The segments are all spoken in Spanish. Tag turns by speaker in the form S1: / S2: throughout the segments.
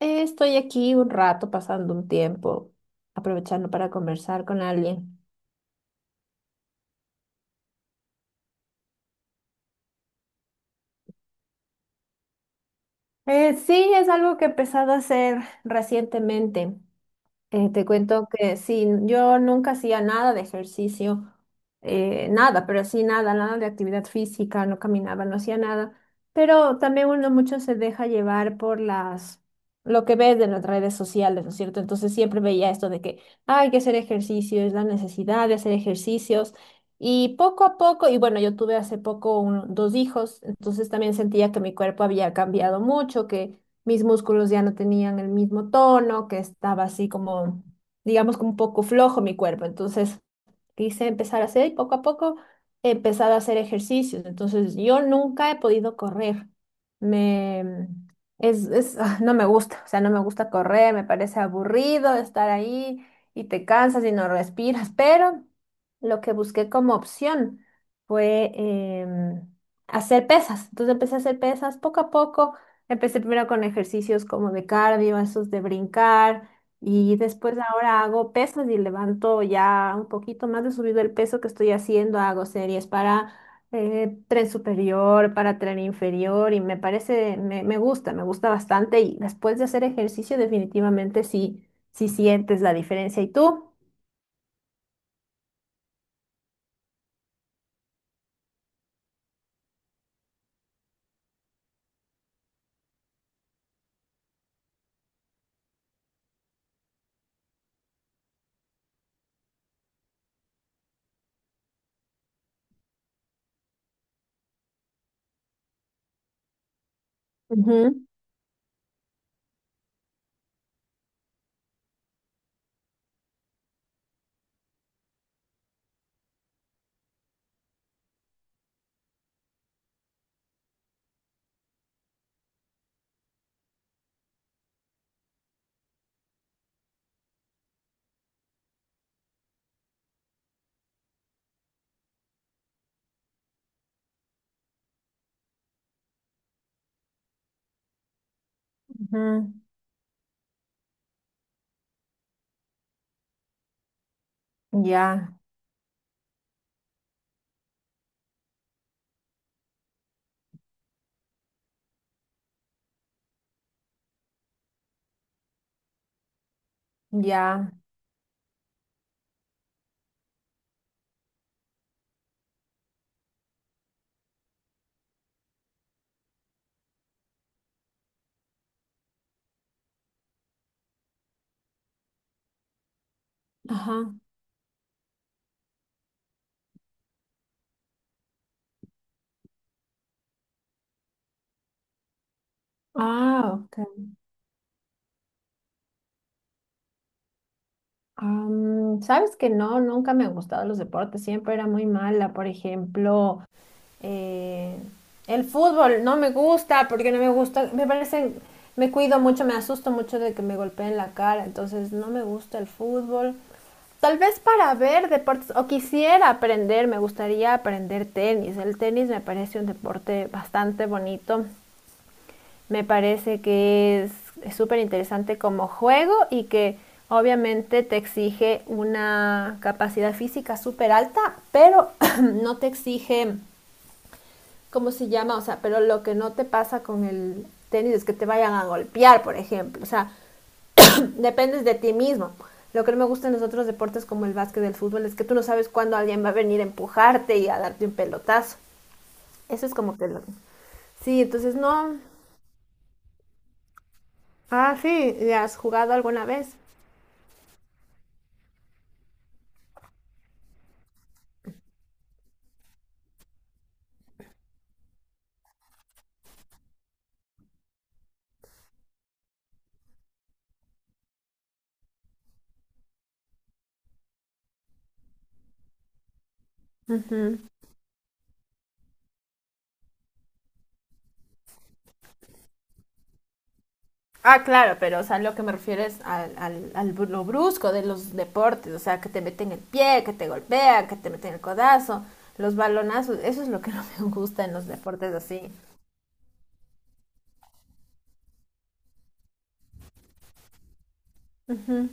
S1: Estoy aquí un rato, pasando un tiempo, aprovechando para conversar con alguien. Sí, es algo que he empezado a hacer recientemente. Te cuento que sí, yo nunca hacía nada de ejercicio, nada, pero sí nada de actividad física, no caminaba, no hacía nada. Pero también uno mucho se deja llevar por lo que ves de las redes sociales, ¿no es cierto? Entonces siempre veía esto de que "Ah, hay que hacer ejercicio, es la necesidad de hacer ejercicios". Y poco a poco, y bueno, yo tuve hace poco dos hijos, entonces también sentía que mi cuerpo había cambiado mucho, que mis músculos ya no tenían el mismo tono, que estaba así como, digamos, como un poco flojo mi cuerpo. Entonces, quise empezar a hacer y poco a poco he empezado a hacer ejercicios. Entonces, yo nunca he podido correr. Me, es, ah, No me gusta, o sea, no me gusta correr, me parece aburrido estar ahí y te cansas y no respiras, pero lo que busqué como opción fue em, hacer pesas. Entonces empecé a hacer pesas poco a poco. Empecé primero con ejercicios como de cardio, esos de brincar y después ahora hago pesas y levanto ya un poquito más de subido el peso que estoy haciendo. Hago series para tren superior, para tren inferior y me parece, me gusta bastante. Y después de hacer ejercicio definitivamente sí, sí sientes la diferencia. ¿Y tú? Ujú, ujú. Ya, ya. Ajá. Ah, ok. Sabes que no, nunca me han gustado los deportes, siempre era muy mala, por ejemplo, eh, el fútbol no me gusta porque no me gusta, me parecen, me cuido mucho, me asusto mucho de que me golpeen la cara, entonces no me gusta el fútbol. Tal vez para ver deportes, o quisiera aprender, me gustaría aprender tenis. El tenis me parece un deporte bastante bonito. Me parece que es súper interesante como juego y que obviamente te exige una capacidad física súper alta, pero no te exige, ¿cómo se llama? O sea, pero lo que no te pasa con el tenis es que te vayan a golpear, por ejemplo. O sea, dependes de ti mismo. Lo que no me gusta en los otros deportes como el básquet, el fútbol, es que tú no sabes cuándo alguien va a venir a empujarte y a darte un pelotazo. Eso es como que lo... Sí, entonces no... Ah, ¿sí, has jugado alguna vez? Mm, ah, claro, pero o sea, lo que me refiero es al lo brusco de los deportes, o sea, que te meten el pie, que te golpean, que te meten el codazo, los balonazos, eso es lo que no me gusta en los deportes así. Ujú.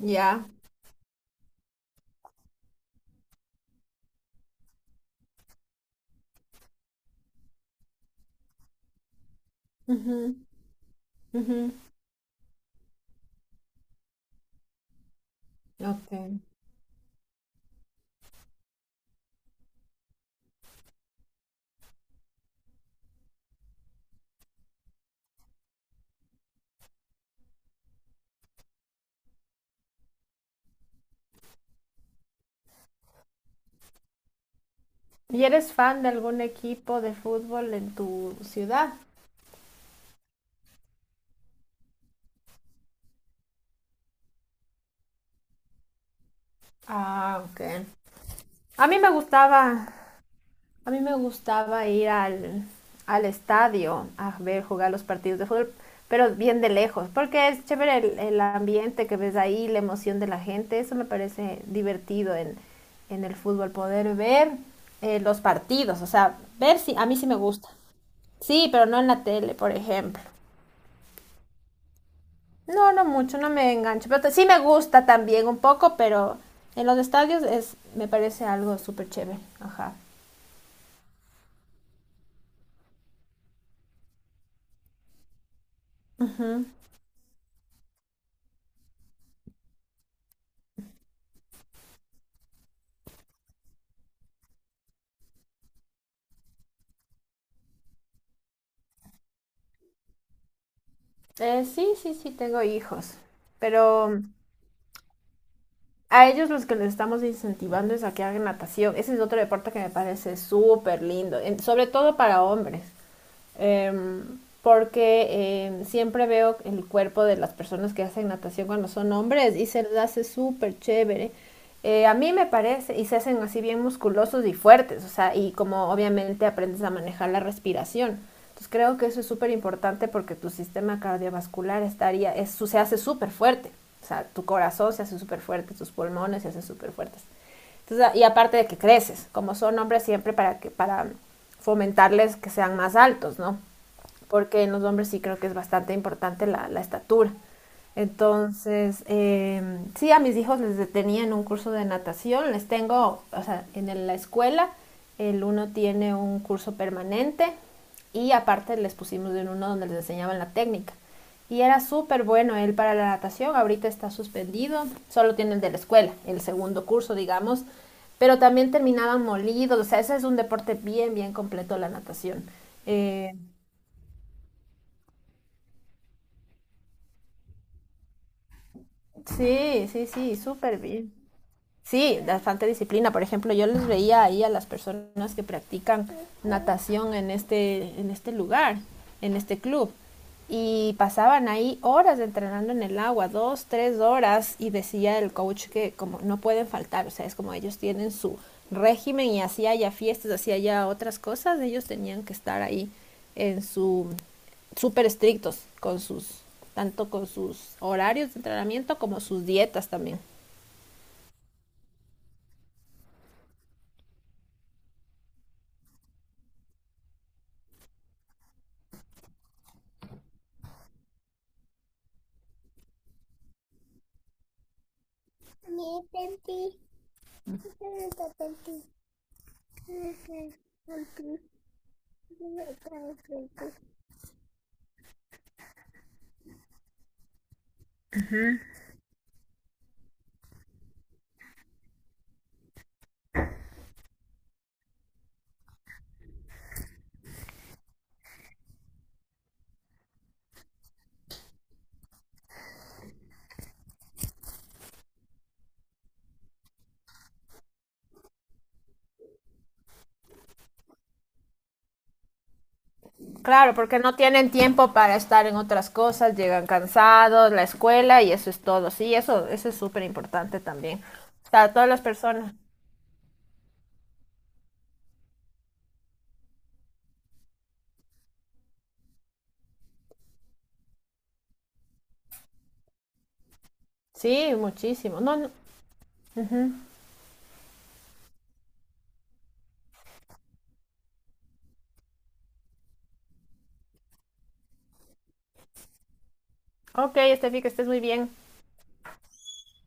S1: Ya. Ujú, ujú, ok. ¿Y eres fan de algún equipo de fútbol en tu ciudad? Ah, ok. A mí me gustaba, A mí me gustaba ir al estadio a ver jugar los partidos de fútbol, pero bien de lejos, porque es chévere el ambiente que ves ahí, la emoción de la gente, eso me parece divertido en el fútbol, poder ver los partidos, o sea, ver si a mí sí me gusta. Sí, pero no en la tele, por ejemplo. No, no mucho, no me engancho, pero sí me gusta también un poco, pero en los estadios es, me parece algo súper chévere, ajá. Ujú. Sí, sí, sí, tengo hijos, pero mm, a ellos los que les estamos incentivando es a que hagan natación. Ese es otro deporte que me parece súper lindo, sobre todo para hombres eh, porque siempre veo el cuerpo de las personas que hacen natación cuando son hombres y se les hace súper chévere. A mí me parece, y se hacen así bien musculosos y fuertes, o sea, y como obviamente aprendes a manejar la respiración. Entonces creo que eso es súper importante porque tu sistema cardiovascular se hace súper fuerte. O sea, tu corazón se hace súper fuerte, tus pulmones se hacen súper fuertes. Entonces, y aparte de que creces, como son hombres siempre para fomentarles que sean más altos, ¿no? Porque en los hombres sí creo que es bastante importante la estatura. Entonces, sí, a mis hijos les tenía en un curso de natación, les tengo, o sea, en la escuela, el uno tiene un curso permanente y aparte les pusimos en uno donde les enseñaban la técnica. Y era súper bueno él para la natación, ahorita está suspendido, solo tiene el de la escuela, el segundo curso, digamos, pero también terminaban molidos, o sea, ese es un deporte bien completo la natación. Eh, Sí, sí, sí, súper bien. Sí, bastante disciplina. Por ejemplo, yo les veía ahí a las personas que practican natación en este lugar, en este club, y pasaban ahí horas entrenando en el agua, dos, tres horas, y decía el coach que como no pueden faltar, o sea, es como ellos tienen su régimen y así haya fiestas, así haya otras cosas, ellos tenían que estar ahí en su súper estrictos con sus tanto con sus horarios de entrenamiento como sus dietas también. Claro, porque no tienen tiempo para estar en otras cosas, llegan cansados, la escuela y eso es todo. Sí, eso es súper importante también. Para todas las personas. Sí, muchísimo. No, no. Ujú. Ok, Estefi, que estés muy bien.